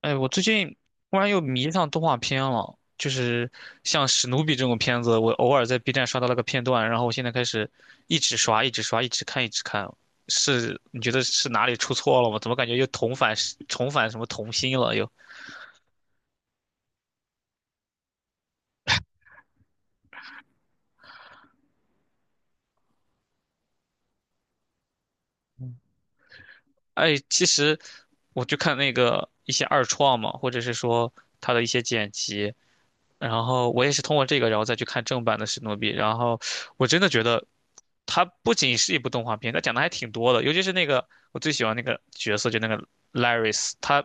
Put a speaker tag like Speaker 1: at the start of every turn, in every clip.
Speaker 1: 哎，我最近突然又迷上动画片了，就是像史努比这种片子，我偶尔在 B 站刷到了个片段，然后我现在开始一直刷，一直刷，一直看，一直看。是，你觉得是哪里出错了吗？怎么感觉又重返什么童心了又？哎，其实我就看那个一些二创嘛，或者是说他的一些剪辑，然后我也是通过这个，然后再去看正版的史努比。然后我真的觉得，它不仅是一部动画片，它讲的还挺多的。尤其是那个我最喜欢那个角色，就那个 Laris，他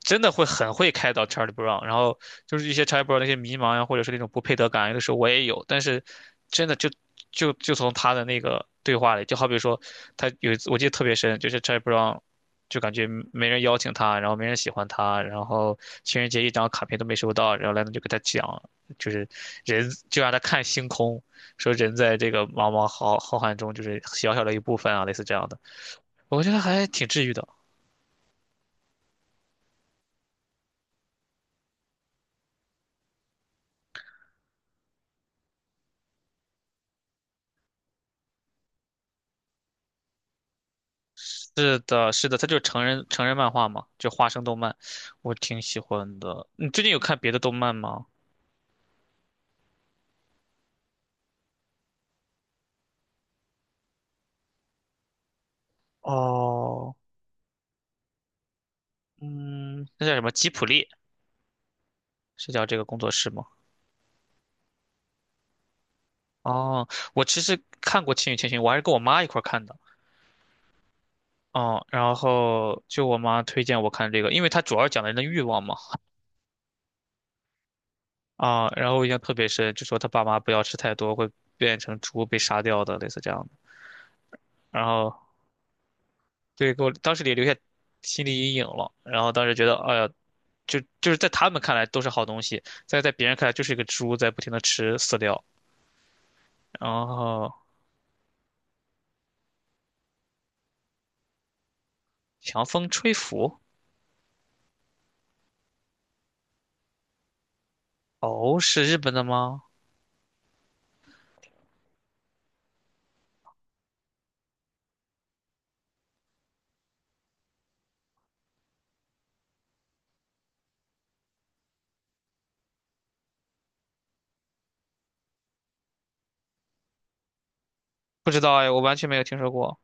Speaker 1: 真的会很会开导 Charlie Brown。然后就是一些 Charlie Brown 的一些迷茫呀，或者是那种不配得感，有的时候我也有。但是真的就从他的那个对话里，就好比说他有一次我记得特别深，就是 Charlie Brown。就感觉没人邀请他，然后没人喜欢他，然后情人节一张卡片都没收到，然后莱农就给他讲，就是人就让他看星空，说人在这个茫茫浩浩瀚中就是小小的一部分啊，类似这样的，我觉得还挺治愈的。是的，是的，它就是成人漫画嘛，就花生动漫，我挺喜欢的。你最近有看别的动漫吗？哦，嗯，那叫什么吉普力？是叫这个工作室吗？哦，我其实看过《千与千寻》，我还是跟我妈一块儿看的。哦，然后就我妈推荐我看这个，因为它主要讲的人的欲望嘛。啊，然后我印象特别深，就说他爸妈不要吃太多，会变成猪被杀掉的，类似这样的。然后对，给我当时也留下心理阴影了。然后当时觉得，哎呀，就是在他们看来都是好东西，在别人看来就是一个猪在不停的吃饲料。然后强风吹拂，哦，是日本的吗？不知道哎，我完全没有听说过。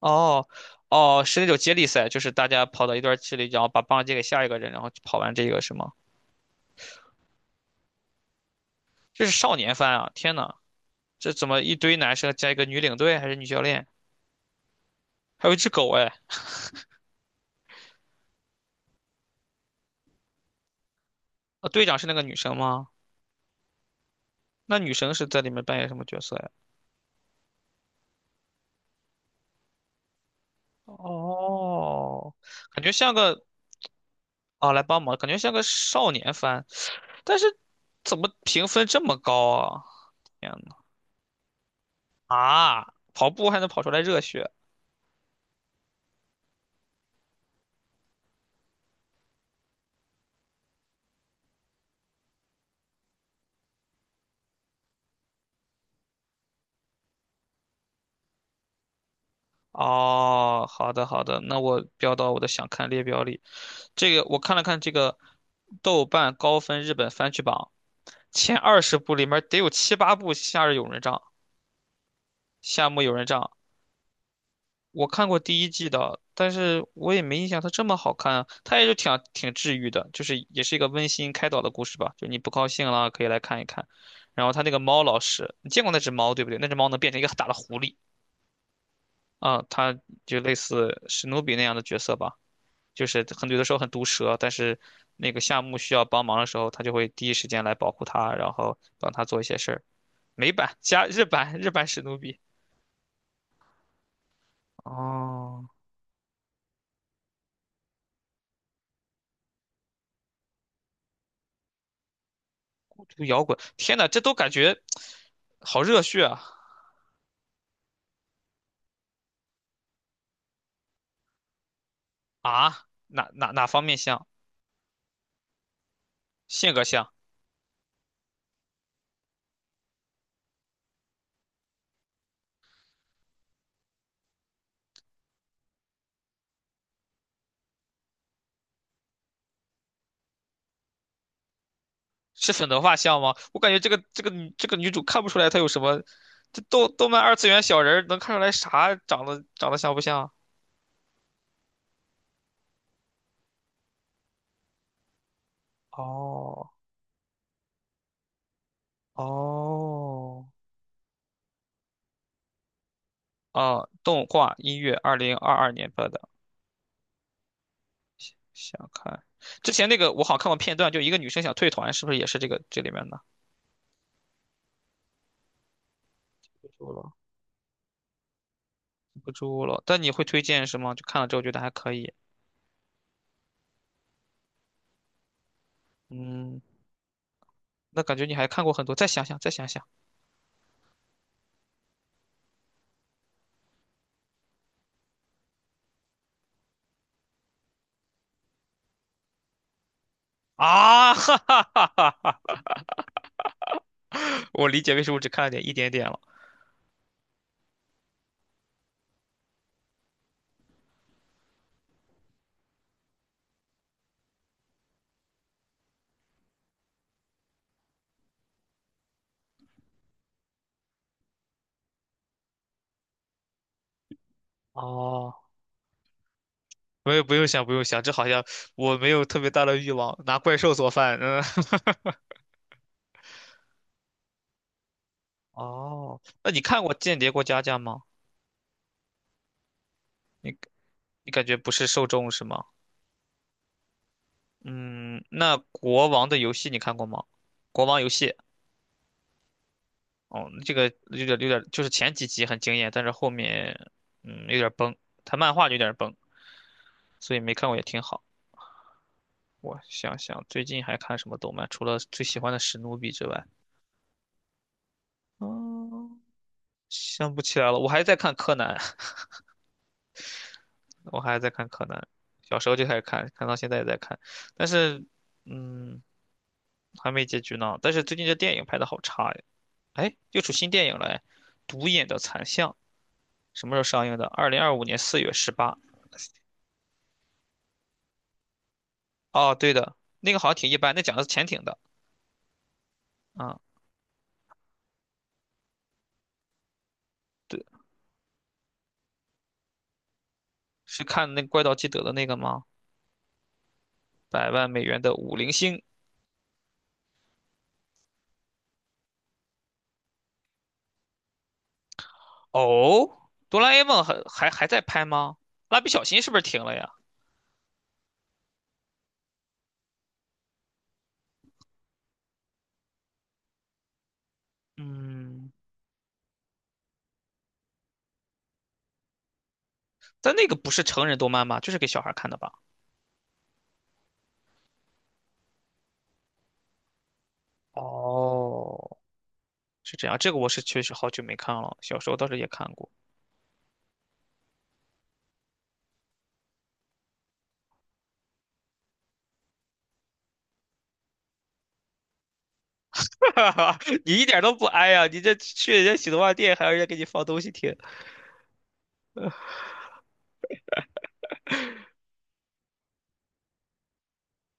Speaker 1: 哦，哦，是那种接力赛，就是大家跑到一段距离，然后把棒借给下一个人，然后跑完这个是吗？这是少年番啊！天呐，这怎么一堆男生加一个女领队还是女教练，还有一只狗哎？啊，队长是那个女生吗？那女生是在里面扮演什么角色呀？哦，感觉像个啊，来帮忙，感觉像个少年番，但是怎么评分这么高啊？天呐，啊，跑步还能跑出来热血？哦，好的好的，那我标到我的想看列表里。这个我看了看这个豆瓣高分日本番剧榜前20部里面得有七八部《夏日友人帐》《夏目友人帐》，我看过第一季的，但是我也没印象它这么好看啊。它也是挺啊挺治愈的，就是也是一个温馨开导的故事吧。就你不高兴了可以来看一看。然后他那个猫老师，你见过那只猫对不对？那只猫能变成一个很大的狐狸啊，它就类似史努比那样的角色吧。就是很有的时候很毒舌，但是那个夏目需要帮忙的时候，他就会第一时间来保护他，然后帮他做一些事儿。美版加日版，日版史努比。哦，这个摇滚，天呐，这都感觉好热血啊！啊，哪方面像？性格像？是粉头发像吗？我感觉这个这个女这个女主看不出来她有什么，这动漫二次元小人儿能看出来啥长得像不像？哦哦。哦，动画音乐，2022年播的，想看。之前那个我好像看过片段，就一个女生想退团，是不是也是这个这里面的？记不住了。记不住了，但你会推荐是吗？就看了之后觉得还可以。嗯，那感觉你还看过很多，再想想，再想想啊！哈哈哈哈哈！我理解为什么只看了点一点点了。哦，没有，不用想，不用想，这好像我没有特别大的欲望拿怪兽做饭。嗯，哦，那你看过《间谍过家家》吗？你感觉不是受众是吗？嗯，那国王的游戏你看过吗？国王游戏，哦，这个有点有点，就是前几集很惊艳，但是后面有点崩，它漫画就有点崩，所以没看过也挺好。我想想，最近还看什么动漫？除了最喜欢的史努比之外，嗯，想不起来了。我还在看柯南，我还在看柯南，小时候就开始看，看到现在也在看，但是嗯还没结局呢。但是最近这电影拍的好差呀，哎，又出新电影了哎，《独眼的残像》。什么时候上映的？2025年4月18。哦，对的，那个好像挺一般，那讲的是潜艇的啊。对，是看那个怪盗基德的那个吗？百万美元的五零星。哦，哆啦 A 梦还在拍吗？蜡笔小新是不是停了呀？嗯，但那个不是成人动漫吗？就是给小孩看的吧？哦，是这样，这个我是确实好久没看了，小时候倒是也看过。你一点都不哀呀、你这去人家洗头发店还要人家给你放东西听。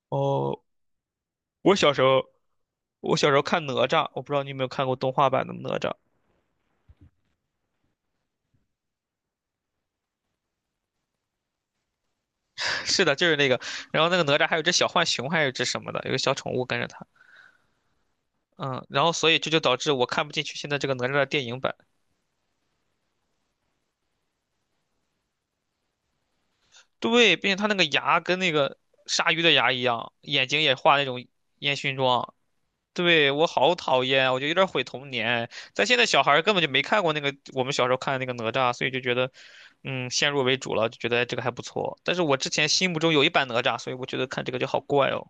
Speaker 1: 哦，我小时候我小时候看哪吒，我不知道你有没有看过动画版的哪吒。是的，就是那个。然后那个哪吒还有只小浣熊，还有只什么的，有个小宠物跟着他。嗯，然后所以这就导致我看不进去现在这个哪吒的电影版。对，并且他那个牙跟那个鲨鱼的牙一样，眼睛也画那种烟熏妆。对，我好讨厌啊，我就有点毁童年。但现在小孩儿根本就没看过那个我们小时候看的那个哪吒，所以就觉得，先入为主了，就觉得哎这个还不错。但是我之前心目中有一版哪吒，所以我觉得看这个就好怪哦。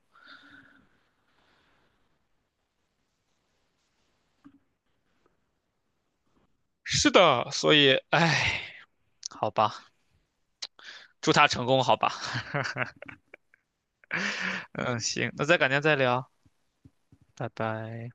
Speaker 1: 是的，所以，唉，好吧，祝他成功，好吧。嗯行，那再改天再聊，拜拜。